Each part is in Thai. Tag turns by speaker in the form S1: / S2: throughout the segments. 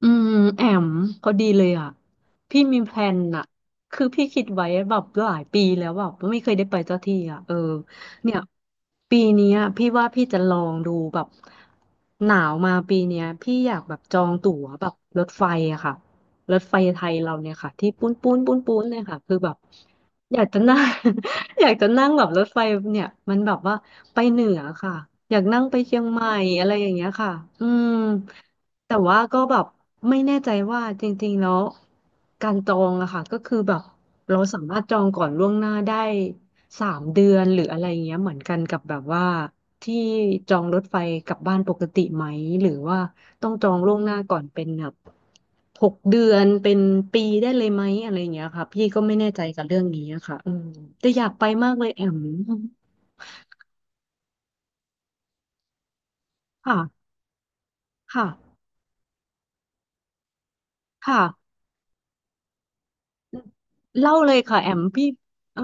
S1: อืมแอมพอดีเลยอ่ะพี่มีแพลนอ่ะคือพี่คิดไว้แบบหลายปีแล้วแบบไม่เคยได้ไปสักทีอ่ะเออเนี่ยปีเนี้ยพี่ว่าพี่จะลองดูแบบหนาวมาปีเนี้ยพี่อยากแบบจองตั๋วแบบรถไฟอะค่ะรถไฟไทยเราเนี่ยค่ะที่ปุ้นปุ้นปุ้นปุ้นเลยค่ะคือแบบอยากจะนั่ง อยากจะนั่งแบบรถไฟเนี่ยมันแบบว่าไปเหนือค่ะอยากนั่งไปเชียงใหม่อะไรอย่างเงี้ยค่ะอืม แต่ว่าก็แบบไม่แน่ใจว่าจริงๆแล้วการจองอะค่ะก็คือแบบเราสามารถจองก่อนล่วงหน้าได้สามเดือนหรืออะไรเงี้ยเหมือนกันกับแบบว่าที่จองรถไฟกลับบ้านปกติไหมหรือว่าต้องจองล่วงหน้าก่อนเป็นแบบหกเดือนเป็นปีได้เลยไหมอะไรเงี้ยค่ะพี่ก็ไม่แน่ใจกับเรื่องนี้อะค่ะอืมแต่อยากไปมากเลยแอมค่ะค่ะค่ะ เล่าเลยค่ะแอมพี่เออ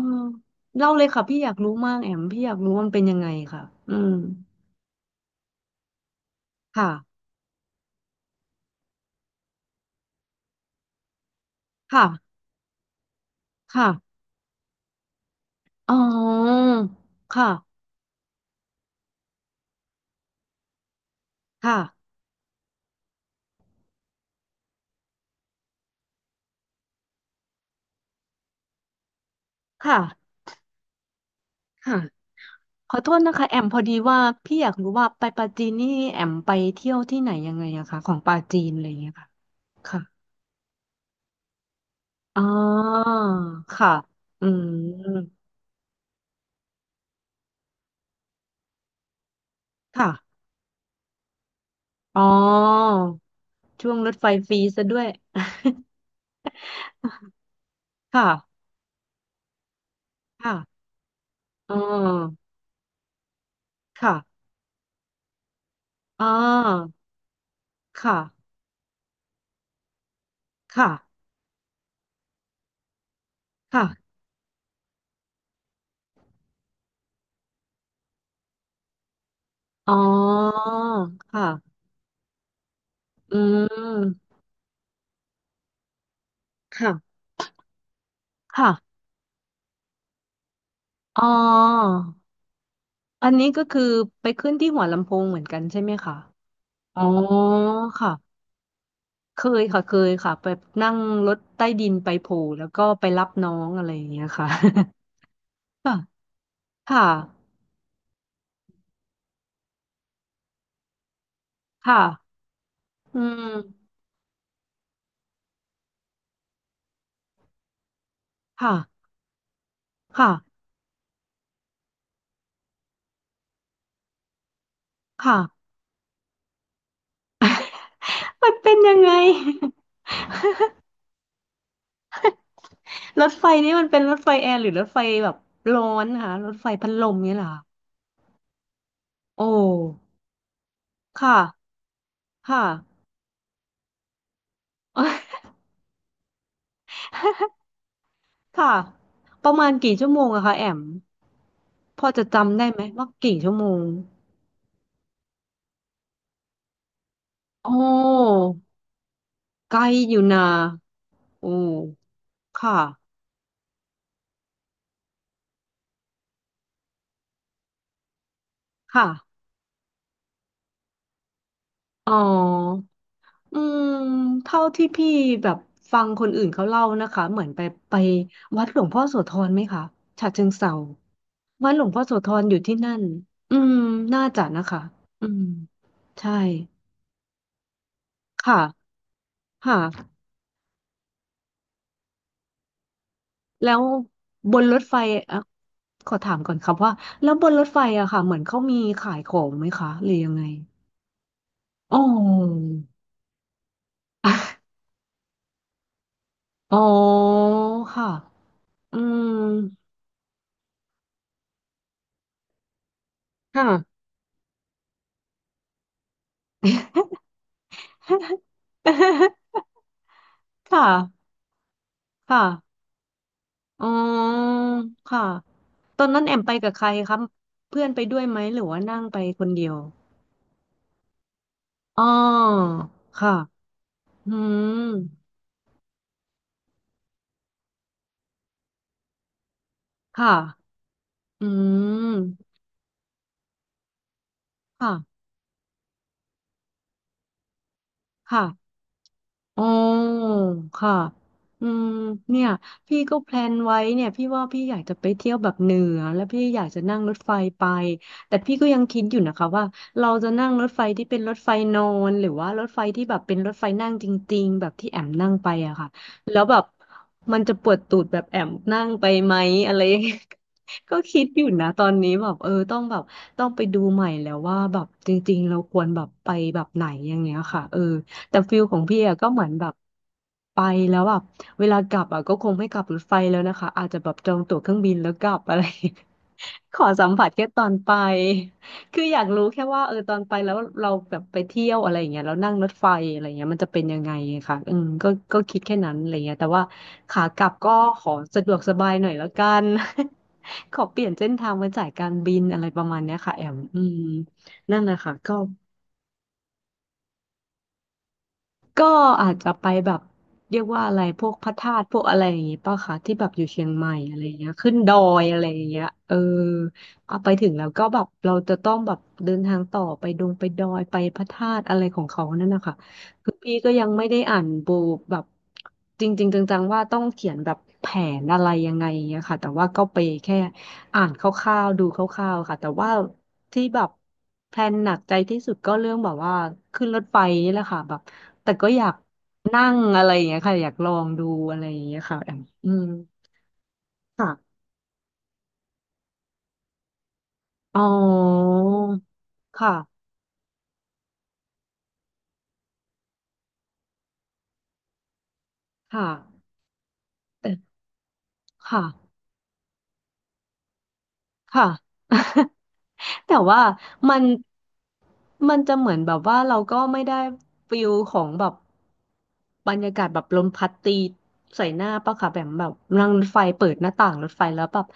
S1: เล่าเลยค่ะพี่อยากรู้มากแอมพี่อยากรู้ว่ามันเป็นยังไงค่ะอืมค่ะ ค่ะ ค่ะอ๋อค่ะค่ะค่ะค่ะ ขอโทษนะคะแอมพอดีว่าพี่อยากรู้ว่าไปปาจีนนี่แอมไปเที่ยวที่ไหนยังไงอะคะของปาจีนอะไรอย่างเงี้ยค่ะค่ะอ๋อค่ะอืมค่ะอ๋อช่วงรถไฟฟรีซะด้วยค่ะค่ะอ๋อค่ะ อ่าค่ะ ค่ะ ค่ะอ๋อค่ะอืม ค่ะ ค่ะอ๋ออันนี้ก็คือไปขึ้นที่หัวลำโพงเหมือนกันใช่ไหมคะอ๋อค่ะ เคยค่ะเคยค่ะไปนั่งรถใต้ดินไปโผล่แล้วก็ไปรับน้องอะไรอย่างเงี้ยค่ะ ค่ะค่ะค่ะอืมค่ะค่ะค่ะมันเป็นยังไง รถไฟนี่มันเป็นรถไฟแอร์หรือรถไฟแบบร้อนค่ะรถไฟพัดลมเนี่ยเหรอ โอ้ค่ะค่ะ เอ้ยค่ะประมาณกี่ชั่วโมงอะคะแอมพอจะจำได้ไหมว่ากี่ชั่วโมงโอ้ไกลอยู่นะโอ้ค่ะค่ะอ๋ออืมเท่าที่พี่แบบฟังคนอื่นเขาเล่านะคะเหมือนไปไปวัดหลวงพ่อโสธรไหมคะฉะเชิงเทราวัดหลวงพ่อโสธรอยู่ที่นั่นอืมน่าจะนะคะอืมใช่ค่ะค่ะ แล้วบนรถไฟอ่ะขอถามก่อนครับว่าแล้วบนรถไฟอะค่ะเหมือนเขามีขายของไหมคะหรือยังไงอ๋ออ๋อค่ะอืมค่ะ ค่ะค่ะอ๋อค่ะตอนนั้นแอมไปกับใครครับเพื่อนไปด้วยไหมหรือว่านั่งไปคนเดียวอ๋อค่ะอืมค่ะอืมค่ะค่ะ อ๋อค่ะอืมเนี่ยพี่ก็แพลนไว้เนี่ยพี่ว่าพี่อยากจะไปเที่ยวแบบเหนือแล้วพี่อยากจะนั่งรถไฟไปแต่พี่ก็ยังคิดอยู่นะคะว่าเราจะนั่งรถไฟที่เป็นรถไฟนอนหรือว่ารถไฟที่แบบเป็นรถไฟนั่งจริงๆแบบที่แอมนั่งไปอะค่ะแล้วแบบมันจะปวดตูดแบบแอมนั่งไปไหมอะไรอย่างเงี้ย ก็คิดอยู่นะตอนนี้แบบเออต้องไปดูใหม่แล้วว่าแบบจริงๆเราควรแบบไปแบบไหนอย่างเงี้ยค่ะเออ แต่ฟิลของพี่อะก็เหมือนแบบไปแล้วแบบเวลากลับอะก็คงไม่กลับรถไฟแล้วนะคะอาจจะแบบจองตั๋วเครื่องบินแล้วกลับอะไร ขอสัมผัสแค่ตอนไปคืออยากรู้แค่ว่าเออตอนไปแล้วเราแบบไปเที่ยวอะไรอย่างเงี้ยแล้วนั่งรถไฟอะไรอย่างเงี้ยมันจะเป็นยังไงอะค่ะอืมก็คิดแค่นั้นอะไรเงี้ยแต่ว่าขากลับก็ขอสะดวกสบายหน่อยแล้วกัน ขอเปลี่ยนเส้นทางมาจ่ายการบินอะไรประมาณเนี้ยค่ะแอมอืมนั่นแหละค่ะก็ ก็อาจจะไปแบบเรียกว่าอะไรพวกพระธาตุพวกอะไรอย่างงี้ป่ะคะที่แบบอยู่เชียงใหม่อะไรอย่างเงี้ยขึ้นดอยอะไรอย่างเงี้ยเออเอาไปถึงแล้วก็แบบเราจะต้องแบบเดินทางต่อไปดงไปดอยไปพระธาตุอะไรของเขานั่นนะคะคือพี่ก็ยังไม่ได้อ่านบูแบบจริงๆจังๆว่าต้องเขียนแบบแผนอะไรยังไงอย่างเงี้ยค่ะแต่ว่าก็ไปแค่อ่านคร่าวๆดูคร่าวๆค่ะแต่ว่าที่แบบแพลนหนักใจที่สุดก็เรื่องแบบว่าขึ้นรถไฟนี่แหละค่ะแบบ แต่ก็อยากนั่งอะไรอย่างเงี้ยค่ะอยากลองดูอะไรอย่างเงี้ยค่ะแอมอืมค่ะอ๋อค่ะค่ะแต่ค่ะค่ะ แต่ว่ามันมันจะเหมือนแบบว่าเราก็ไม่ได้ฟิลของแบบบรรยากาศแบบลมพัดตีใส่หน้าปะค่ะแบบนั่งรถไฟเปิดหน้าต่างรถไฟแล้วแบบ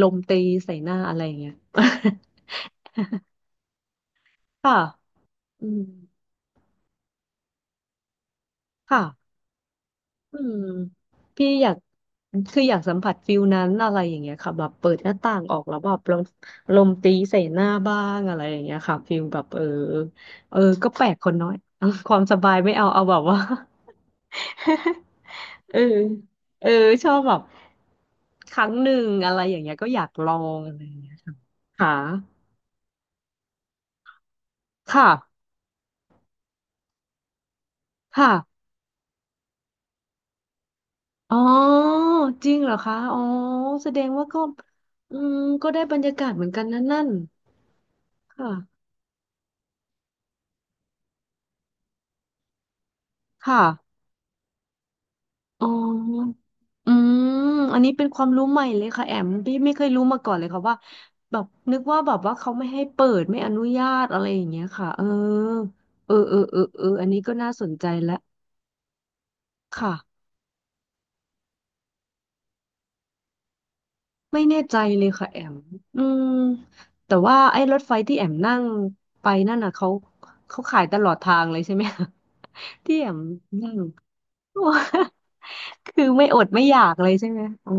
S1: ลมตีใส่หน้าอะไรอย่างเงี้ย ค่ะอืมค่ะ อืมพี่อยากอยากสัมผัสฟิลนั้นอะไรอย่างเงี้ยค่ะแบบเปิดหน้าต่างออกแล้วแบบลมตีใส่หน้าบ้างอะไรอย่างเงี้ยค่ะฟิลแบบเออเออก็แปลกคนน้อย เอาความสบายไม่เอาแบบว่า เออเออชอบแบบครั้งหนึ่งอะไรอย่างเงี้ยก็อยากลองอะไรอย่างเงี้ยค่ะค่ะค่ะค่ะอ๋อจริงเหรอคะอ๋อแสดงว่าก็อืมก็ได้บรรยากาศเหมือนกันนั่นค่ะค่ะ อ๋ออืมอันนี้เป็นความรู้ใหม่เลยค่ะแอมพี่ไม่เคยรู้มาก่อนเลยค่ะว่าแบบนึกว่าแบบว่าเขาไม่ให้เปิดไม่อนุญาตอะไรอย่างเงี้ยค่ะเออเออเออเออเอออันนี้ก็น่าสนใจละค่ะไม่แน่ใจเลยค่ะแอมอืมแต่ว่าไอ้รถไฟที่แอมนั่งไปนั่นน่ะเขาขายตลอดทางเลยใช่ไหมคะ ที่แอมนั่ง คือไม่อดไม่อยากเลยใช่ไหมอ๋อ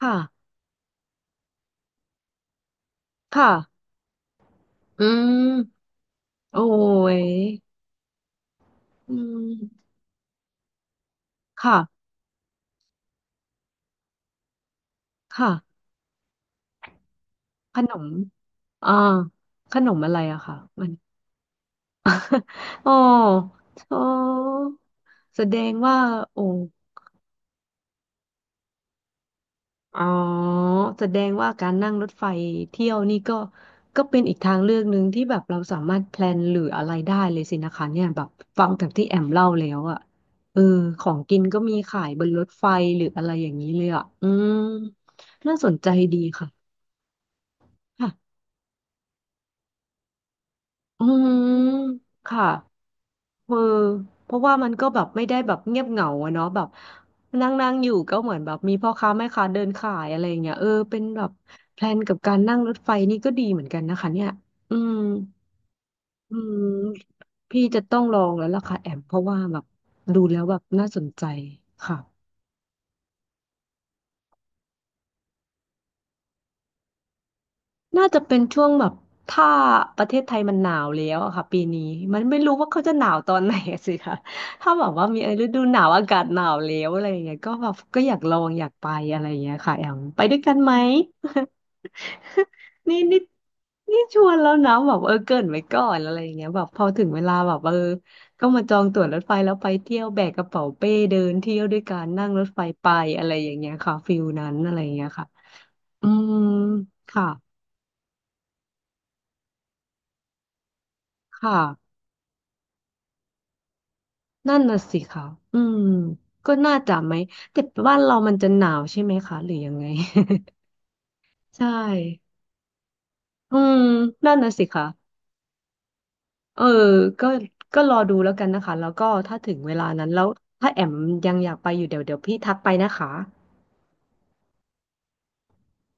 S1: ค่ะค่ะอืม โอ้ยอืมค่ะค่ะ ขนมอ่าขนมอะไรอะค่ะมัน อ๋ออ๋อแสดงว่าโอ้อ๋อแสดงว่าการนั่งรถไฟเที่ยวนี่ก็เป็นอีกทางเลือกหนึ่งที่แบบเราสามารถแพลนหรืออะไรได้เลยสินะคะเนี่ยแบบฟังจากที่แอมเล่าแล้วอะเออของกินก็มีขายบนรถไฟหรืออะไรอย่างนี้เลยอะอืมน่าสนใจดีค่ะ อืมค่ะเออเพราะว่ามันก็แบบไม่ได้แบบเงียบเหงาอะเนาะแบบนั่งนั่งอยู่ก็เหมือนแบบมีพ่อค้าแม่ค้าเดินขายอะไรอย่างเงี้ยเออเป็นแบบแพลนกับการนั่งรถไฟนี่ก็ดีเหมือนกันนะคะเนี่ยอืมอืมพี่จะต้องลองแล้วล่ะค่ะแอมเพราะว่าแบบดูแล้วแบบน่าสนใจค่ะ น่าจะเป็นช่วงแบบถ้าประเทศไทยมันหนาวแล้วอะค่ะปีนี้มันไม่รู้ว่าเขาจะหนาวตอนไหนอะสิคะ ถ้าแบบว่ามีฤดูหนาวอากาศหนาวแล้วอะไรอย่างเงี้ยก็แบบก็อยากลองอยากไปอะไรอย่างเงี้ยค่ะแอมไปด้วยกันไหม นี่นี่นี่ชวนแล้วนะแบบเออเกริ่นไว้ก่อนอะไรอย่างเงี้ยแบบพอถึงเวลาแบบเออก็มาจองตั๋วรถไฟแล้วไปเที่ยวแบกกระเป๋าเป้เดินเที่ยวด้วยกันนั่งรถไฟไปอะไรอย่างเงี้ยค่ะฟิลนั้นอะไรอย่างเงี้ยค่ะอืมค่ะค่ะ นั่นน่ะสิค่ะอืม ก็น่าจะไหมแต่บ้านเรามันจะหนาวใช่ไหมคะหรือยังไง ใช่ อืม นั่นน่ะสิค่ะเออก็ก็รอดูแล้วกันนะคะ แล้วก็ถ้าถึงเวลานั้นแล้วถ้าแอมยังอยากไปอยู่เดี๋ยวพี่ทักไปนะคะ